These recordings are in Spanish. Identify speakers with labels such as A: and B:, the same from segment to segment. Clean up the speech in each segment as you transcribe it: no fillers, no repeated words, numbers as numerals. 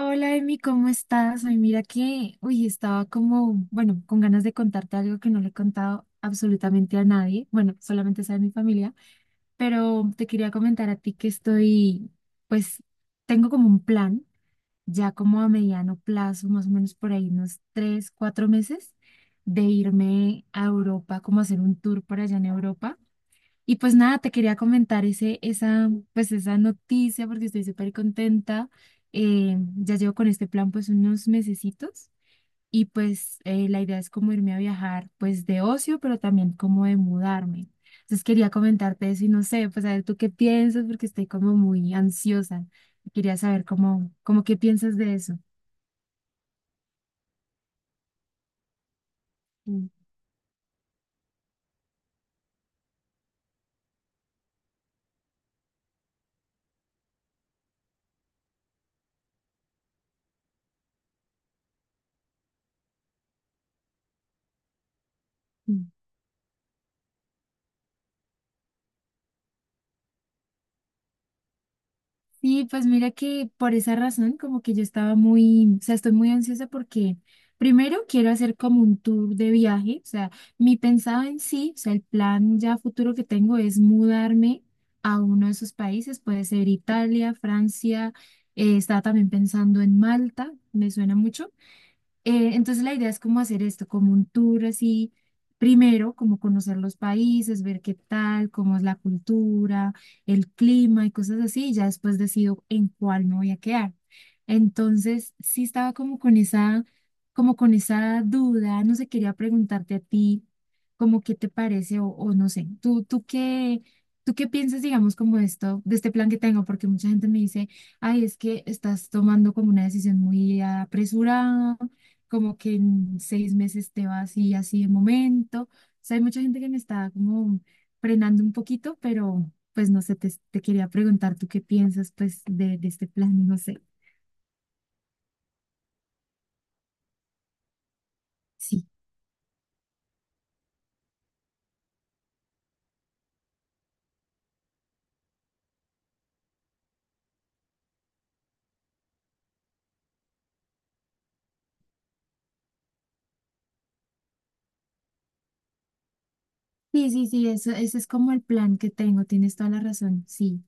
A: Hola Emi, ¿cómo estás? Ay, mira que, uy, estaba como, bueno, con ganas de contarte algo que no le he contado absolutamente a nadie, bueno, solamente sabe mi familia, pero te quería comentar a ti que pues, tengo como un plan, ya como a mediano plazo, más o menos por ahí unos 3, 4 meses, de irme a Europa, como hacer un tour por allá en Europa y pues nada, te quería comentar pues esa noticia porque estoy súper contenta. Ya llevo con este plan pues unos mesecitos y pues la idea es como irme a viajar pues de ocio, pero también como de mudarme. Entonces quería comentarte eso y no sé, pues a ver tú qué piensas porque estoy como muy ansiosa. Quería saber cómo qué piensas de eso. Mm. Sí, pues mira que por esa razón, como que yo estaba muy, o sea, estoy muy ansiosa porque primero quiero hacer como un tour de viaje, o sea, mi pensado en sí, o sea, el plan ya futuro que tengo es mudarme a uno de esos países, puede ser Italia, Francia, estaba también pensando en Malta, me suena mucho. Entonces la idea es como hacer esto, como un tour así, primero como conocer los países, ver qué tal, cómo es la cultura, el clima y cosas así, y ya después decido en cuál me voy a quedar. Entonces sí estaba como con esa duda, no sé, quería preguntarte a ti, como qué te parece o no sé, ¿Tú qué piensas, digamos, como de esto, de este plan que tengo? Porque mucha gente me dice, ay, es que estás tomando como una decisión muy apresurada, como que en 6 meses te va así, así de momento. O sea, hay mucha gente que me está como frenando un poquito, pero pues no sé, te quería preguntar tú qué piensas pues de este plan, no sé. Sí, sí, sí, sí, ese es como el plan que tengo, tienes toda la razón, sí.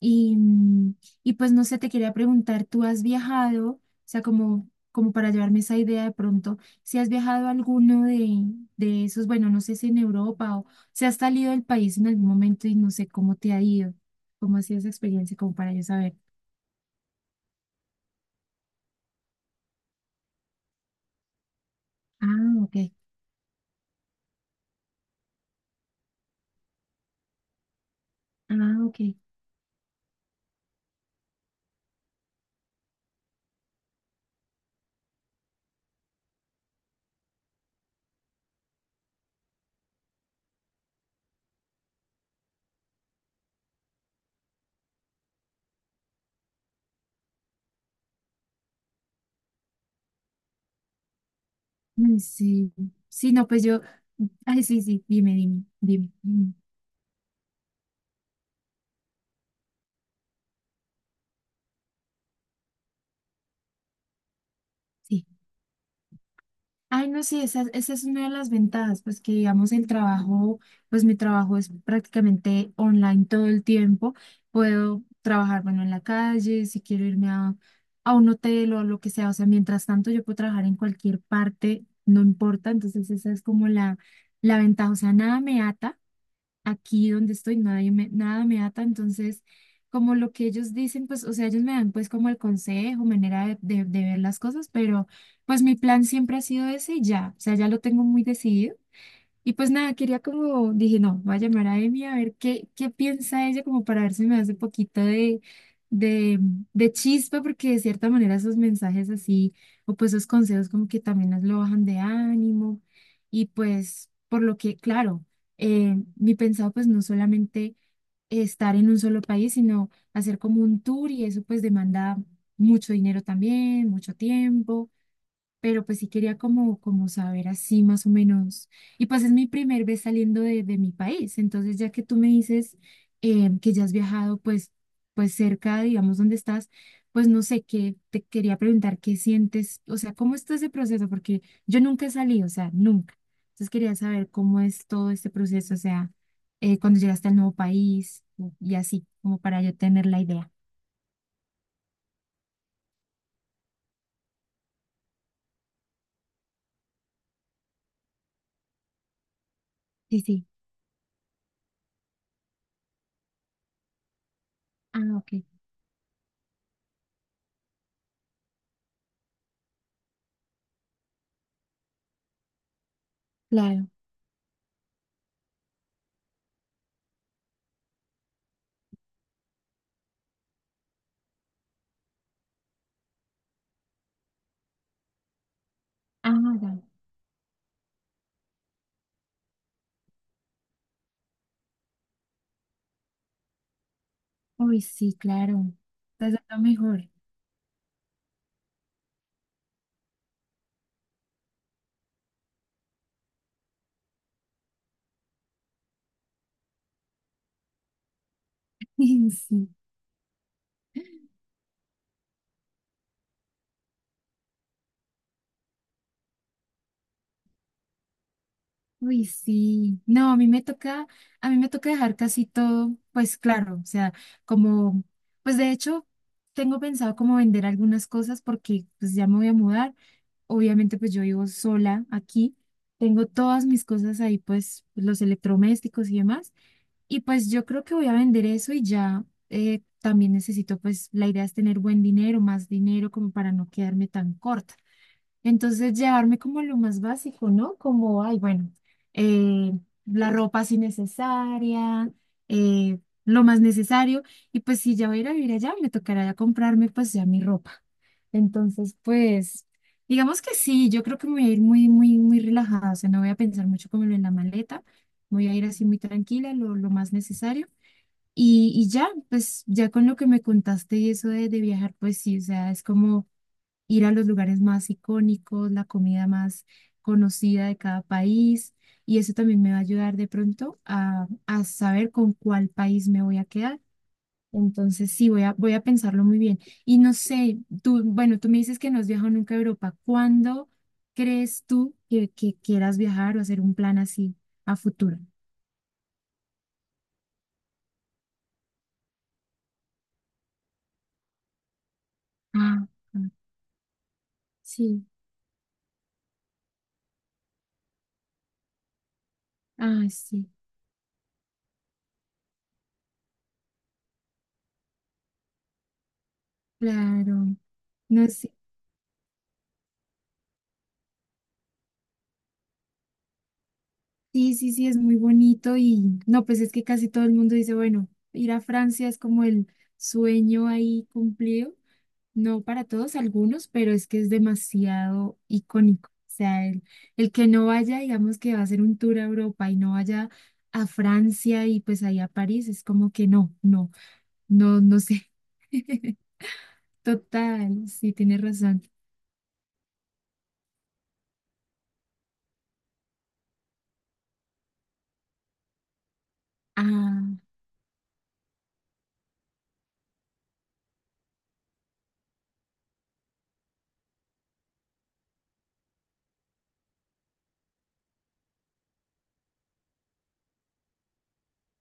A: Y, mm, y pues no sé, te quería preguntar, ¿tú has viajado? O sea, como para llevarme esa idea de pronto, si has viajado a alguno de esos, bueno, no sé si en Europa o si has salido del país en algún momento y no sé cómo te ha ido, cómo ha sido esa experiencia, como para yo saber. Ah, ok. Ah, ok. Mm, sí, sí, no, pues yo, ay, sí, sí, dime, dime, dime. Mm, sí. Ay, no, sí, esa es una de las ventajas, pues que digamos el trabajo, pues mi trabajo es prácticamente online todo el tiempo. Puedo trabajar, bueno, en la calle, si quiero irme a un hotel o lo que sea. O sea, mientras tanto yo puedo trabajar en cualquier parte, no importa. Entonces esa es como la ventaja. O sea, nada me ata aquí donde estoy nadie me, nada me ata, entonces como lo que ellos dicen, pues, o sea, ellos me dan pues como el consejo, manera de ver las cosas, pero pues mi plan siempre ha sido ese y ya, o sea, ya lo tengo muy decidido. Y pues nada, quería como, dije, no, voy a llamar a Emi a ver qué piensa ella, como para ver si me hace poquito de, de chispa, porque de cierta manera esos mensajes así, o pues esos consejos como que también nos lo bajan de ánimo. Y pues, por lo que, claro, mi pensado pues no solamente estar en un solo país, sino hacer como un tour y eso pues demanda mucho dinero también, mucho tiempo pero pues sí quería como saber así más o menos. Y pues es mi primer vez saliendo de mi país, entonces ya que tú me dices que ya has viajado pues, cerca, digamos, donde estás, pues no sé, qué te quería preguntar qué sientes, o sea, cómo está ese proceso, porque yo nunca he salido, o sea, nunca. Entonces quería saber cómo es todo este proceso, o sea, cuando llegaste al nuevo país y así, como para yo tener la idea. Sí, sí. Ah, ok, claro. Ah, ya. Uy, sí, claro. Estás dando mejor. Sí. Uy, sí. No, a mí me toca dejar casi todo, pues claro, o sea, como, pues de hecho, tengo pensado como vender algunas cosas porque pues ya me voy a mudar. Obviamente, pues yo vivo sola aquí. Tengo todas mis cosas ahí, pues los electrodomésticos y demás. Y pues yo creo que voy a vender eso y ya también necesito, pues la idea es tener buen dinero, más dinero como para no quedarme tan corta. Entonces, llevarme como a lo más básico, ¿no? Como, ay, bueno, eh, la ropa si necesaria, eh, lo más necesario. Y pues si ya voy a ir a vivir allá, me tocará ya comprarme pues ya mi ropa. Entonces, pues, digamos que sí, yo creo que me voy a ir muy, muy, muy relajada. O sea, no voy a pensar mucho como en la maleta. Voy a ir así muy tranquila, lo más necesario. Y ya, pues ya con lo que me contaste y eso de viajar, pues sí, o sea, es como ir a los lugares más icónicos, la comida más conocida de cada país. Y eso también me va a ayudar de pronto a saber con cuál país me voy a quedar. Entonces, sí, voy a pensarlo muy bien. Y no sé, tú, bueno, tú me dices que no has viajado nunca a Europa. ¿Cuándo crees tú que quieras viajar o hacer un plan así a futuro? Ah, ah, sí, ah, sí, claro. No sé. Sí, sí, sí, es muy bonito y no, pues es que casi todo el mundo dice, bueno, ir a Francia es como el sueño ahí cumplido, no para todos, algunos, pero es que es demasiado icónico. O sea, el que no vaya, digamos que va a hacer un tour a Europa y no vaya a Francia y pues ahí a París, es como que no, no, no, no sé. Total, sí, tienes razón. Ah,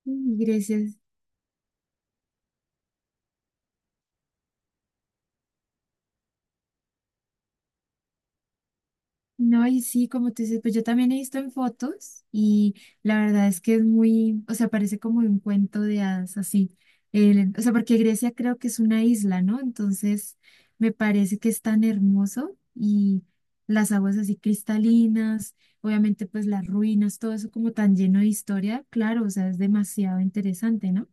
A: mm, gracias. No, y sí, como tú dices, pues yo también he visto en fotos y la verdad es que es muy, o sea, parece como un cuento de hadas, así. O sea, porque Grecia creo que es una isla, ¿no? Entonces, me parece que es tan hermoso y las aguas así cristalinas, obviamente pues las ruinas, todo eso como tan lleno de historia, claro, o sea, es demasiado interesante, ¿no?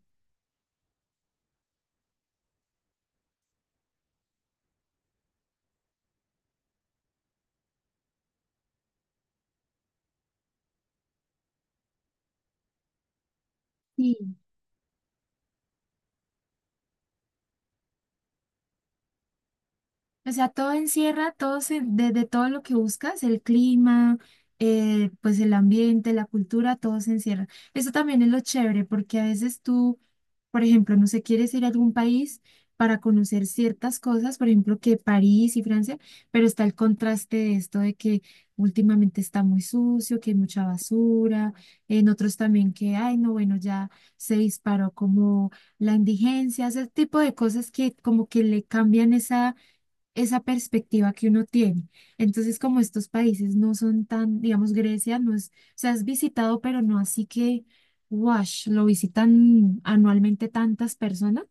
A: O sea, todo encierra, de todo lo que buscas, el clima, pues el ambiente, la cultura, todo se encierra. Eso también es lo chévere, porque a veces tú, por ejemplo, no sé, quieres ir a algún país para conocer ciertas cosas, por ejemplo, que París y Francia, pero está el contraste de esto de que últimamente está muy sucio, que hay mucha basura, en otros también que, ay, no, bueno, ya se disparó como la indigencia, ese tipo de cosas que como que le cambian esa perspectiva que uno tiene. Entonces, como estos países no son tan, digamos, Grecia no es, o sea, has visitado, pero no así que, wash, lo visitan anualmente tantas personas.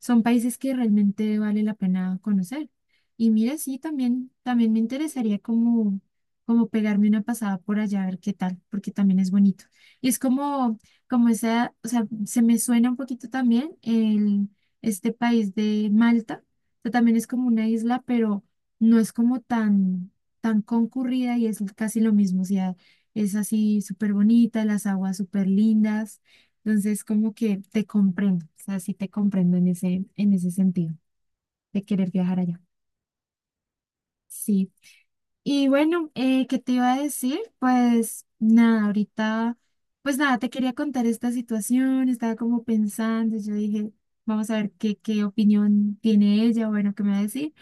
A: Son países que realmente vale la pena conocer. Y mira, sí, también me interesaría como pegarme una pasada por allá a ver qué tal, porque también es bonito. Y es como esa, o sea, se me suena un poquito también este país de Malta sea, también es como una isla, pero no es como tan, concurrida y es casi lo mismo. O sea, es así súper bonita, las aguas súper lindas. Entonces, como que te comprendo. O sea, sí te comprendo en ese sentido de querer viajar allá. Sí. Y bueno, ¿qué te iba a decir? Pues nada, ahorita, pues nada, te quería contar esta situación. Estaba como pensando, yo dije, vamos a ver qué opinión tiene ella, bueno, qué me va a decir.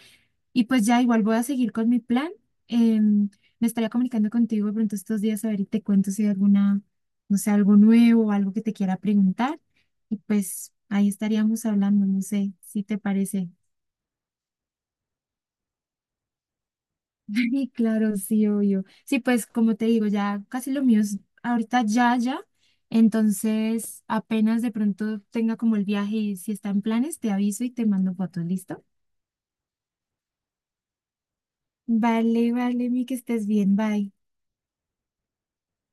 A: Y pues ya igual voy a seguir con mi plan. Em, Me estaría comunicando contigo de pronto estos días a ver y te cuento si hay alguna, no sé, algo nuevo o algo que te quiera preguntar. Y pues ahí estaríamos hablando, no sé si te parece. Y claro, sí, obvio. Sí, pues como te digo, ya casi lo mío es ahorita ya, ya. Entonces, apenas de pronto tenga como el viaje y si está en planes, te aviso y te mando fotos, ¿listo? Vale, vale, mi que estés bien, bye.